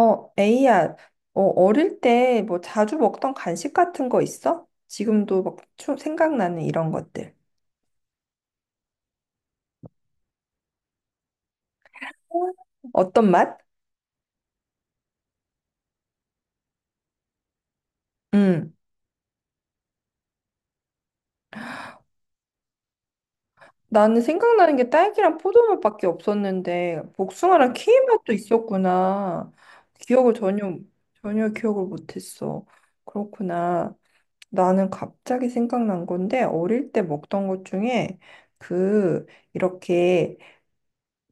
에이야, 어릴 때 뭐 자주 먹던 간식 같은 거 있어? 지금도 막 생각나는 이런 것들. 어떤 맛? 음. 나는 생각나는 게 딸기랑 포도맛밖에 없었는데 복숭아랑 키위 맛도 있었구나. 기억을 전혀 전혀 기억을 못했어. 그렇구나. 나는 갑자기 생각난 건데 어릴 때 먹던 것 중에 그 이렇게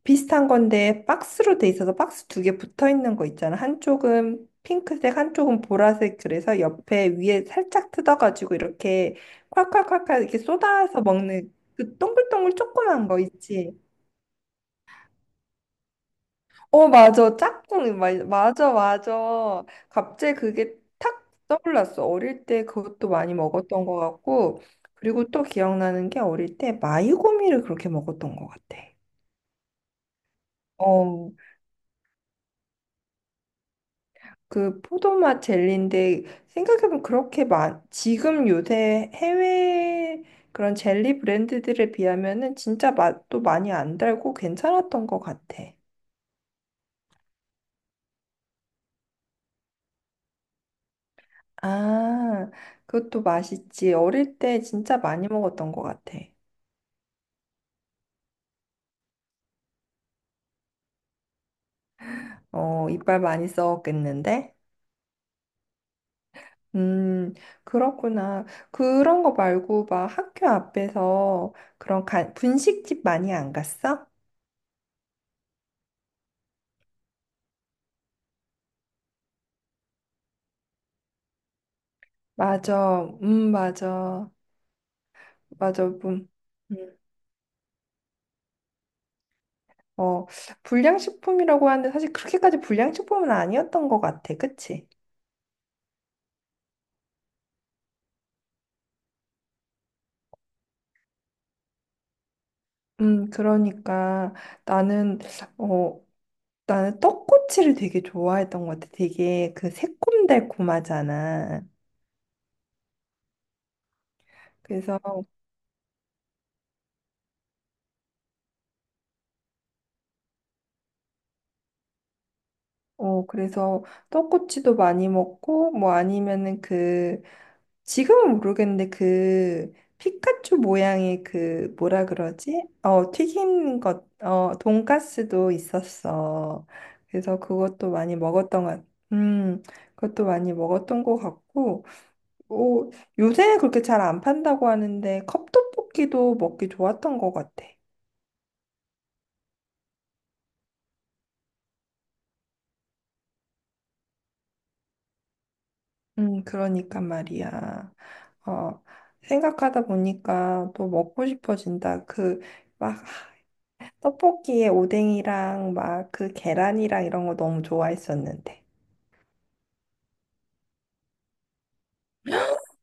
비슷한 건데 박스로 돼 있어서 박스 두 개 붙어 있는 거 있잖아. 한쪽은 핑크색, 한쪽은 보라색. 그래서 옆에 위에 살짝 뜯어가지고 이렇게 콸콸콸콸 이렇게 쏟아서 먹는 그 동글동글 조그만 거 있지. 어, 맞아. 짝꿍. 맞아, 맞아. 갑자기 그게 탁 떠올랐어. 어릴 때 그것도 많이 먹었던 것 같고. 그리고 또 기억나는 게 어릴 때 마이고미를 그렇게 먹었던 것 같아. 어. 그 포도맛 젤리인데 생각해보면 그렇게 많 지금 요새 해외 그런 젤리 브랜드들에 비하면은 진짜 맛도 많이 안 달고 괜찮았던 것 같아. 아, 그것도 맛있지. 어릴 때 진짜 많이 먹었던 것 같아. 어, 이빨 많이 썩었겠는데? 음, 그렇구나. 그런 거 말고 막 학교 앞에서 그런 간 분식집 많이 안 갔어? 맞아. 맞아. 맞아. 음. 어, 불량식품이라고 하는데 사실 그렇게까지 불량식품은 아니었던 것 같아. 그치? 그러니까 나는, 어, 나는 떡꼬치를 되게 좋아했던 것 같아. 되게 그 새콤달콤하잖아. 그래서, 그래서 떡꼬치도 많이 먹고, 뭐 아니면은 그, 지금은 모르겠는데 그 피카츄 모양의 그 뭐라 그러지? 어, 튀긴 것, 어, 돈가스도 있었어. 그래서 그것도 많이 먹었던 것, 음, 그것도 많이 먹었던 것 같고, 오, 요새는 그렇게 잘 안 판다고 하는데 컵떡볶이도 먹기 좋았던 것 같아. 그러니까 말이야. 어, 생각하다 보니까 또 먹고 싶어진다. 그막 떡볶이에 오뎅이랑 막 그 계란이랑 이런 거 너무 좋아했었는데.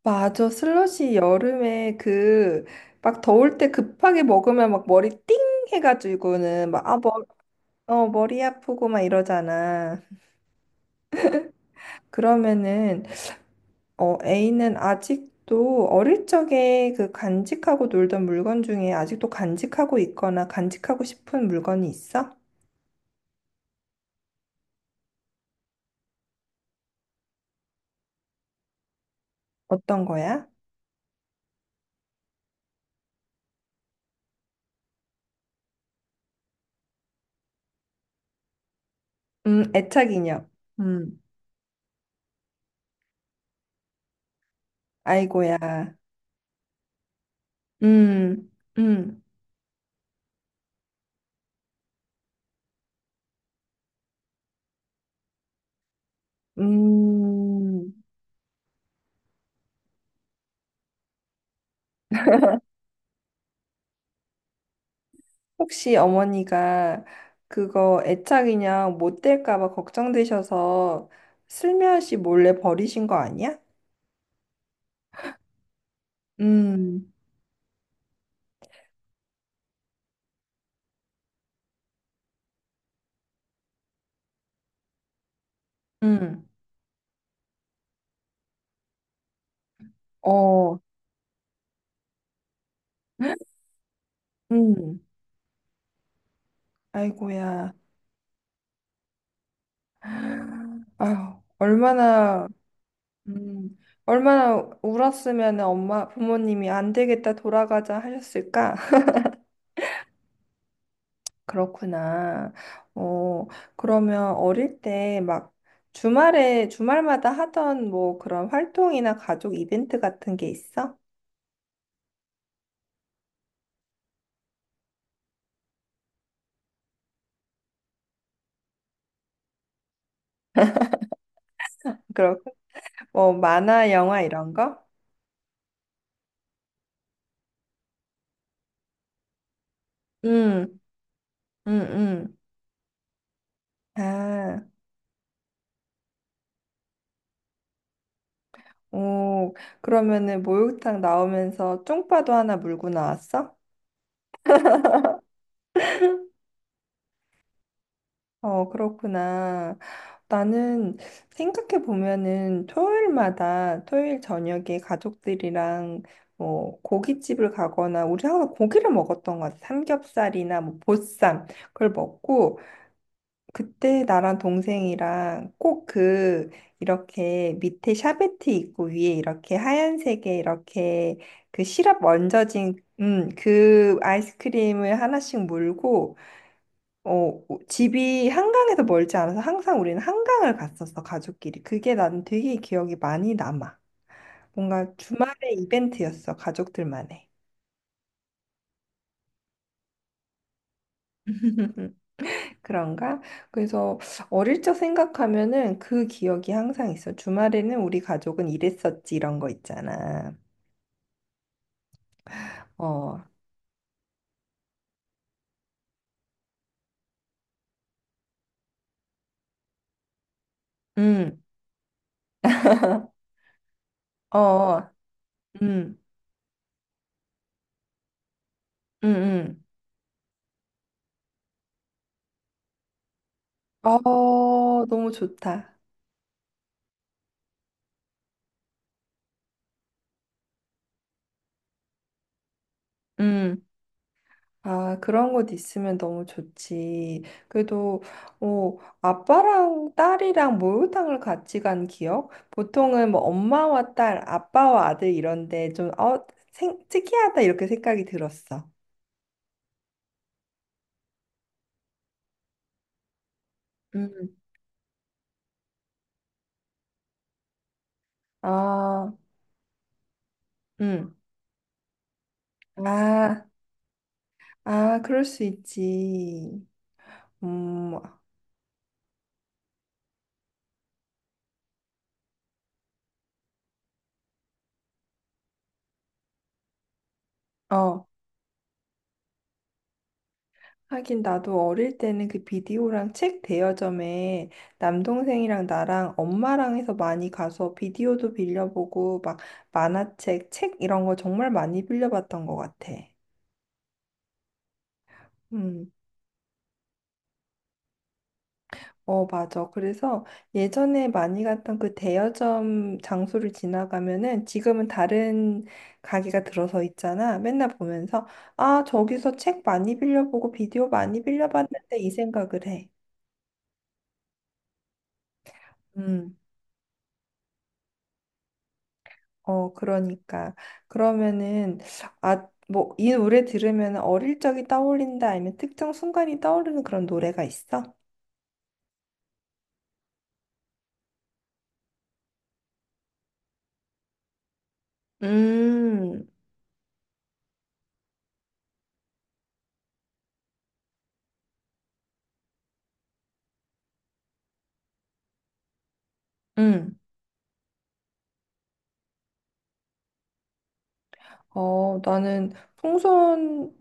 맞아. 슬러시 여름에 그 막 더울 때 급하게 먹으면 막 머리 띵 해가지고는 막 아, 머, 어, 머리 아프고 막 이러잖아. 그러면은 어, A는 아직도 어릴 적에 그 간직하고 놀던 물건 중에 아직도 간직하고 있거나 간직하고 싶은 물건이 있어? 어떤 거야? 애착 인형. 음. 아이고야. 음, 음, 음. 혹시 어머니가 그거 애착인형 못 될까 봐 걱정되셔서 슬며시 몰래 버리신 거 아니야? 음, 음, 어, 음. 아이고야. 아유, 얼마나, 음, 얼마나 울었으면 엄마, 부모님이 안 되겠다 돌아가자 하셨을까? 그렇구나. 어, 그러면 어릴 때 막 주말에, 주말마다 하던 뭐 그런 활동이나 가족 이벤트 같은 게 있어? 그런, 뭐 만화, 영화 이런 거? 응, 응, 응. 아, 오, 그러면은 목욕탕 나오면서 쫑파도 하나 물고 나왔어? 어, 그렇구나. 나는 생각해 보면은 토요일마다 토요일 저녁에 가족들이랑 뭐 고깃집을 가거나 우리 항상 고기를 먹었던 것 같아. 삼겹살이나 뭐 보쌈 그걸 먹고 그때 나랑 동생이랑 꼭 그 이렇게 밑에 샤베트 있고 위에 이렇게 하얀색에 이렇게 그 시럽 얹어진 그 아이스크림을 하나씩 물고 어, 집이 한강에서 멀지 않아서 항상 우리는 한강을 갔었어, 가족끼리. 그게 난 되게 기억이 많이 남아. 뭔가 주말에 이벤트였어, 가족들만의. 그런가? 그래서 어릴 적 생각하면은 그 기억이 항상 있어. 주말에는 우리 가족은 이랬었지, 이런 거 있잖아. 어, 음, 어, 음, 음, 음. 어, 너무 좋다. 응. 아, 그런 곳 있으면 너무 좋지. 그래도, 어, 아빠랑 딸이랑 목욕탕을 같이 간 기억? 보통은 뭐 엄마와 딸, 아빠와 아들 이런데 좀, 어, 생, 특이하다 이렇게 생각이 들었어. 음. 아, 음. 아, 아, 그럴 수 있지. 음, 어. 하긴 나도 어릴 때는 그 비디오랑 책 대여점에 남동생이랑 나랑 엄마랑 해서 많이 가서 비디오도 빌려보고 막 만화책, 책 이런 거 정말 많이 빌려봤던 것 같아. 음, 어, 맞아. 그래서 예전에 많이 갔던 그 대여점 장소를 지나가면은 지금은 다른 가게가 들어서 있잖아. 맨날 보면서 아, 저기서 책 많이 빌려보고 비디오 많이 빌려봤는데 이 생각을 해. 음. 어, 그러니까. 그러면은, 아, 뭐, 이 노래 들으면 어릴 적이 떠올린다, 아니면 특정 순간이 떠오르는 그런 노래가 있어? 음, 응. 어, 나는 풍선,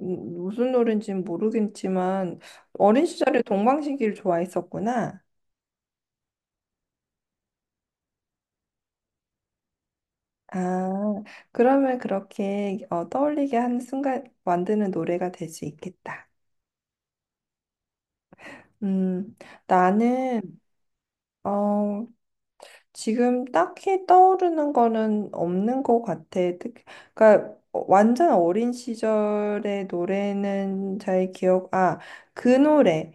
무슨 노래인지는 모르겠지만, 어린 시절에 동방신기를 좋아했었구나. 아, 그러면 그렇게 어, 떠올리게 하는 순간 만드는 노래가 될 수 있겠다. 음, 나는, 어, 지금 딱히 떠오르는 거는 없는 것 같아. 특, 그러니까 어, 완전 어린 시절의 노래는 잘 기억, 아, 그 노래.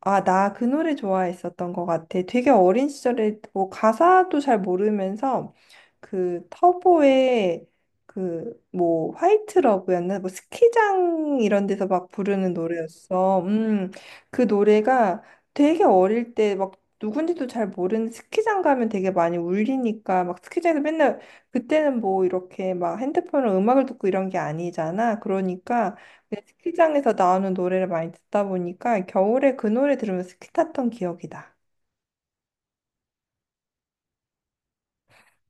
아, 나 그 노래 좋아했었던 것 같아. 되게 어린 시절에 뭐 가사도 잘 모르면서 그 터보의 그 뭐 화이트 러브였나? 뭐 스키장 이런 데서 막 부르는 노래였어. 그 노래가 되게 어릴 때 막 누군지도 잘 모르는 스키장 가면 되게 많이 울리니까 막 스키장에서 맨날 그때는 뭐 이렇게 막 핸드폰으로 음악을 듣고 이런 게 아니잖아. 그러니까 네, 스키장에서 나오는 노래를 많이 듣다 보니까 겨울에 그 노래 들으면서 스키 탔던 기억이다.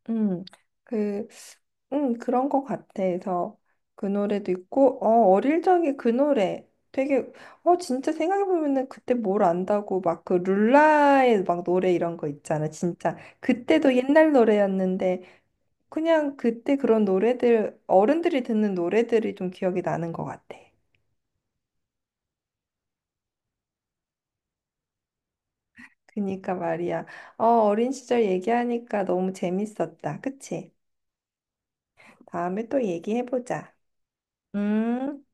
음, 그, 그런 것 같아. 그래서 그 노래도 있고, 어, 어릴 적에 그 노래 되게, 어, 진짜 생각해보면은 그때 뭘 안다고 막 그 룰라의 막 노래 이런 거 있잖아. 진짜. 그때도 옛날 노래였는데, 그냥 그때 그런 노래들, 어른들이 듣는 노래들이 좀 기억이 나는 것 같아. 그니까 말이야. 어, 어린 시절 얘기하니까 너무 재밌었다. 그치? 다음에 또 얘기해보자. 음.